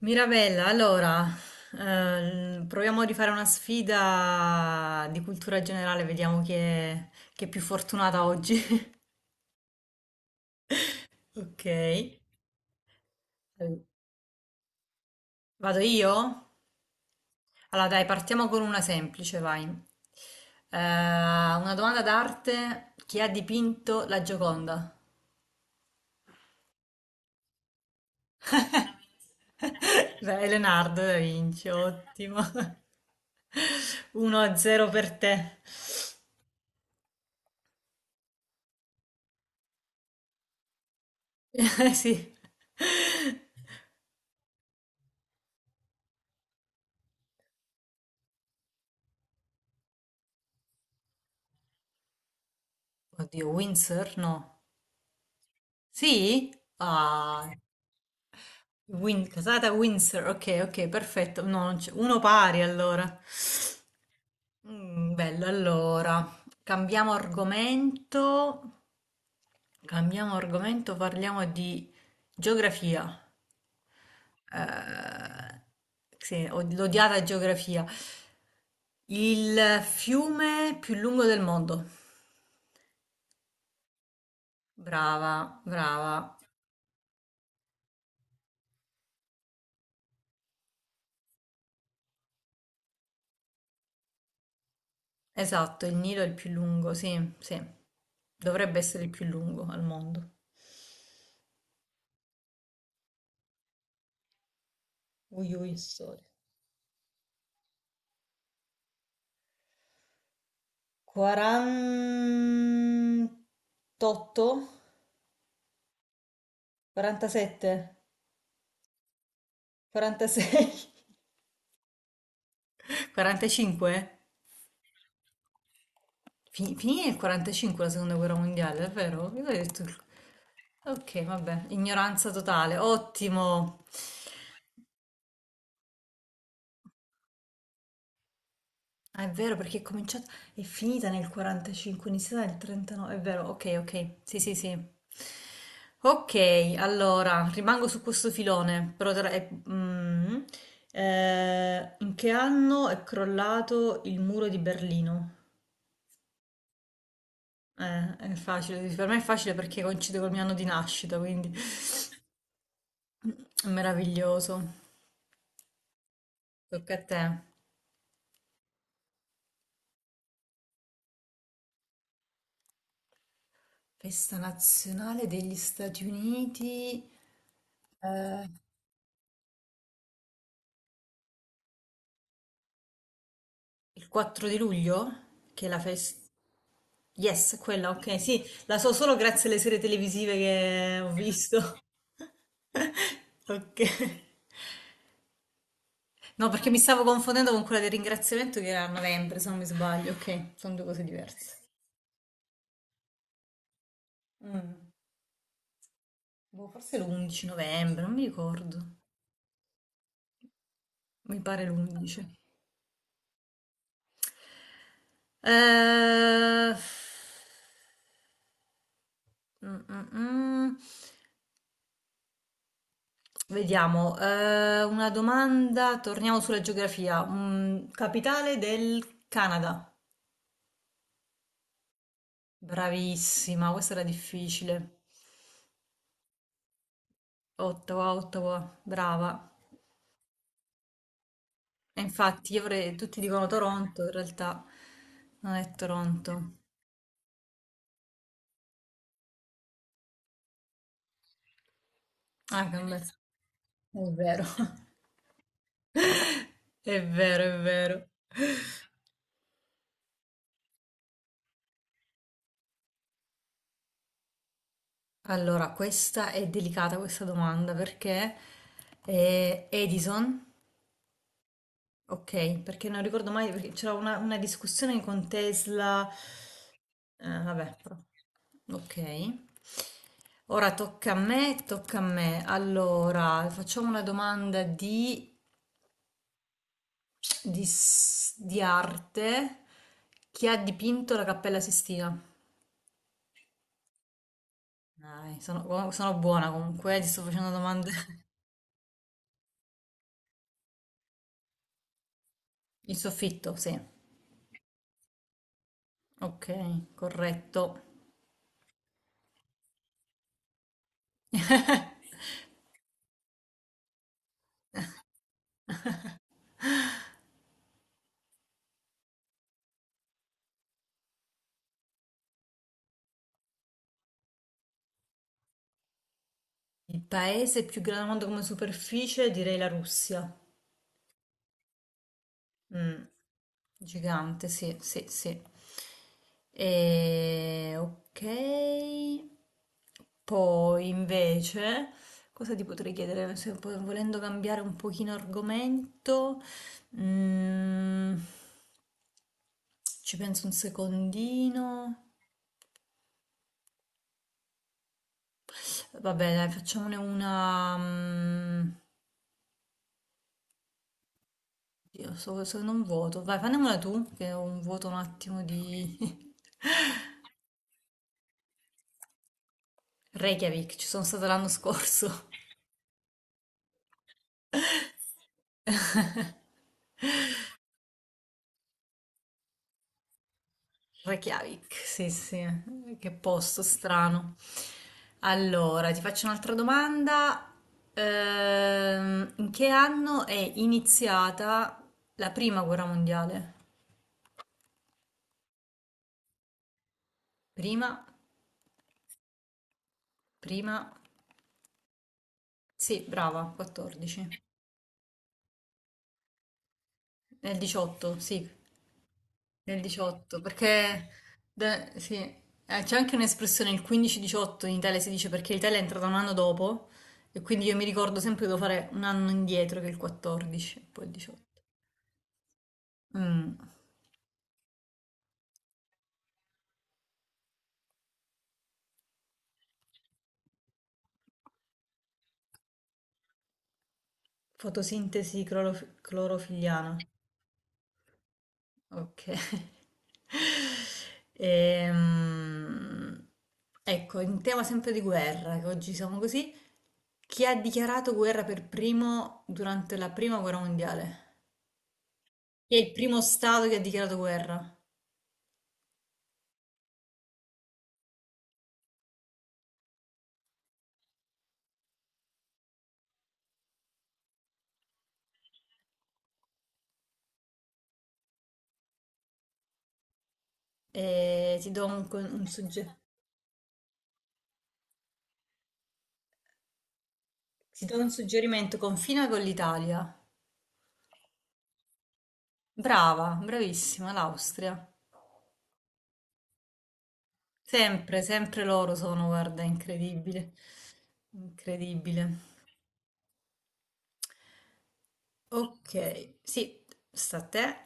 Mirabella, allora, proviamo a rifare una sfida di cultura generale, vediamo chi è più fortunata oggi. Ok, allora, vado io? Allora dai, partiamo con una semplice, vai. Una domanda d'arte, chi ha dipinto la Gioconda? Dai, Leonardo da Vinci, ottimo. 1-0 per te. Sì. Oddio, Windsor? No. Sì? Ah, casata Windsor. Ok, ok, perfetto. No, non c'è- uno pari allora. Mm, bello, allora. Cambiamo argomento. Cambiamo argomento, parliamo di geografia. Eh, sì, l'odiata geografia. Il fiume più lungo del mondo. Brava, brava. Esatto, il Nilo è il più lungo, sì, sì. Dovrebbe essere il più lungo al mondo. Ui, ui, storia. 48? 47? 46? 45? Finì nel 45 la seconda guerra mondiale, è vero? Io avevo detto. Ok, vabbè, ignoranza totale, ottimo. Ah, è vero perché è cominciata, è finita nel 45, è iniziata nel 39, è vero, ok, ok, sì, sì, sì. Ok, allora, rimango su questo filone, però tra- è- mm, in che anno è crollato il muro di Berlino? È facile, per me è facile perché coincide col mio anno di nascita, quindi è meraviglioso. Tocca a te. Festa nazionale degli Stati Uniti, eh, il 4 di luglio, che è la festa. Yes, quella, okay. Sì, la so solo grazie alle serie televisive che ho visto. Ok. No, perché mi stavo confondendo con quella del ringraziamento che era a novembre, se non mi sbaglio. Ok, sono due cose diverse. Mm. Boh, forse l'11 novembre, non mi ricordo. Mi pare l'11. Eh, mm, mm, mm. Vediamo, una domanda, torniamo sulla geografia. Capitale del Canada. Bravissima, questa era difficile. Ottawa, Ottawa, brava. E infatti, tutti dicono Toronto, in realtà non è Toronto. Ah, è vero. È vero, è vero. Allora, questa è delicata questa domanda perché Edison, ok, perché non ricordo mai, perché c'era una discussione con Tesla. Ah, vabbè, ok. Ora tocca a me, tocca a me. Allora, facciamo una domanda di arte. Chi ha dipinto la Cappella Sistina? Dai, sono, oh, sono buona comunque, ti sto facendo domande. Il soffitto, sì. Ok, corretto. Il paese più grande al mondo come superficie, direi la Russia. Mm, Gigante, sì, sì, sì. E, ok. Poi invece, cosa ti potrei chiedere? Se po- Volendo cambiare un pochino argomento, mm, ci penso un secondino. Vabbè, dai, facciamone una. mm, Io so, sono un vuoto. Vai, fammela tu, che ho un vuoto un attimo di. Reykjavik, ci sono stata l'anno scorso. Reykjavik, sì, sì, che posto strano. Allora, ti faccio un'altra domanda. In che anno è iniziata la prima guerra mondiale? Prima, prima, sì, brava, 14. Nel 18, sì, nel 18, perché sì, c'è anche un'espressione, il 15-18 in Italia si dice perché l'Italia è entrata un anno dopo. E quindi io mi ricordo sempre che devo fare un anno indietro che è il 14, poi il 18. Mm, Fotosintesi clorofilliana. Ok. Ehm, ecco, in tema sempre di guerra, che oggi siamo così, chi ha dichiarato guerra per primo durante la prima guerra mondiale? Chi è il primo stato che ha dichiarato guerra? E ti do un, con- un sugge- ti do un suggerimento, confina con l'Italia. Brava, bravissima, l'Austria. Sempre, sempre loro sono, guarda, incredibile. Incredibile. Ok, sì, sta a te.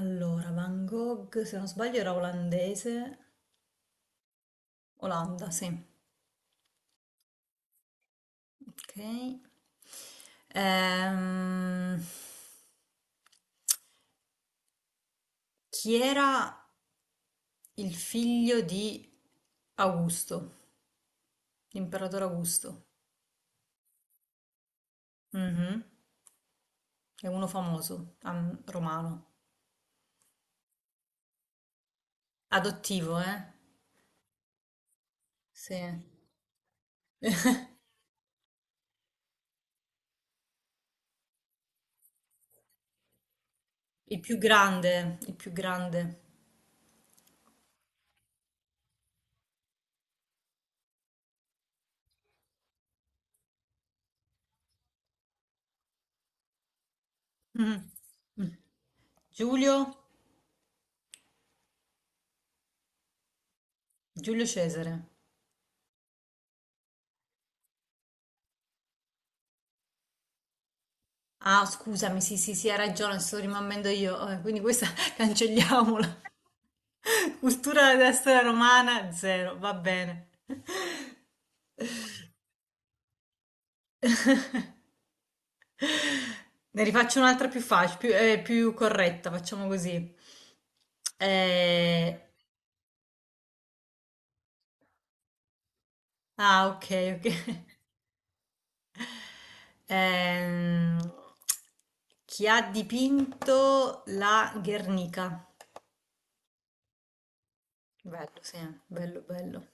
Allora, Van Gogh, se non sbaglio era olandese. Olanda, sì. Ok. Ehm, Chi era il figlio di Augusto, l'imperatore Augusto? Mhm, è uno famoso, romano. Adottivo, eh? Sì. Il più grande, il più grande. Mm. Mm. Giulio? Giulio Cesare. Ah, scusami, sì, sì, sì, hai ragione, sto rimanendo io. Quindi questa cancelliamola. Cultura della storia romana, zero, va bene. Ne rifaccio un'altra più facile, più corretta, facciamo così. Eh, ah, ok, ok. Ehm, Chi ha dipinto la Guernica? Bello, sì, bello, bello.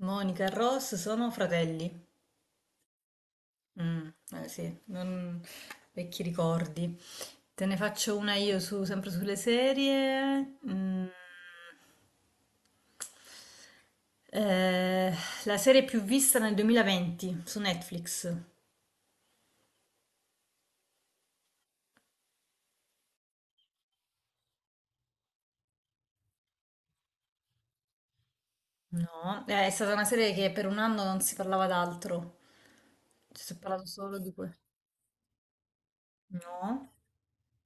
Monica e Ross sono fratelli. Mm, eh sì, vecchi ricordi. Te ne faccio una io sempre sulle serie. Mm. Eh, la serie più vista nel 2020 su Netflix. No, è stata una serie che per un anno non si parlava d'altro. Ci si è parlato solo di quello. No?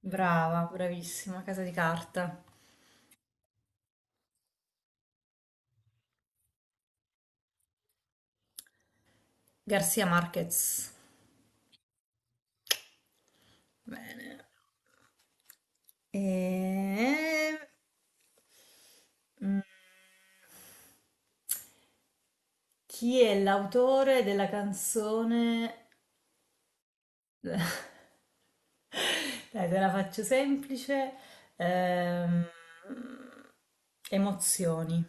Brava, bravissima, Casa di Carta. Garcia Marquez. Bene. E mm, chi è l'autore della canzone? Dai, te la faccio semplice. Ehm, Emozioni.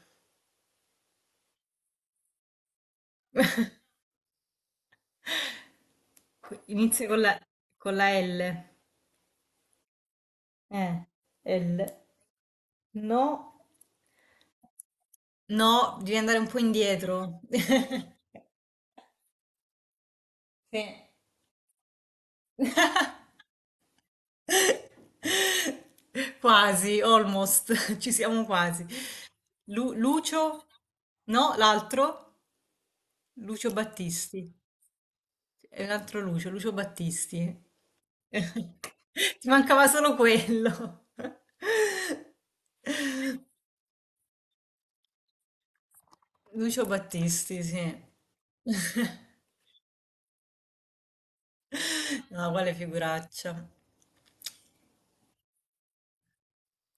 Inizia con la L. Eh, L. No. No, devi andare un po' indietro. Sì. Quasi, almost, ci siamo quasi. Lucio? No, l'altro? Lucio Battisti. È un altro Lucio, Lucio Battisti. Ti mancava solo quello. Lucio Battisti, sì. No, quale figuraccia?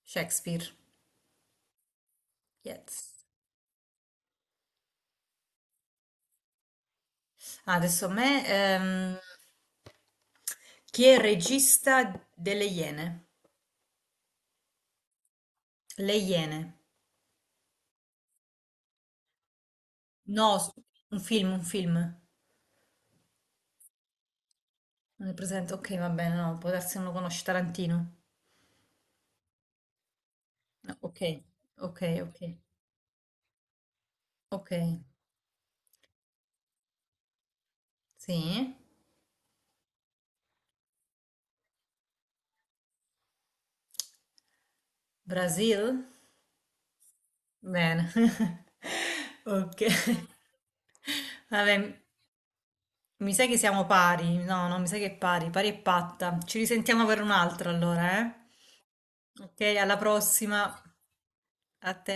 Shakespeare, yes. Ah, adesso a me, chi è il regista delle Iene? Le Iene. No, un film, un film. Non è presente? Ok, va bene, no, può darsi che non lo conosci Tarantino. No, ok, ok, ok, ok. Sì, Brasil? Bene. Ok. Vabbè, mi sa che siamo pari. No, no, mi sa che è pari, pari e patta. Ci risentiamo per un'altra allora, eh? Ok, alla prossima. A te.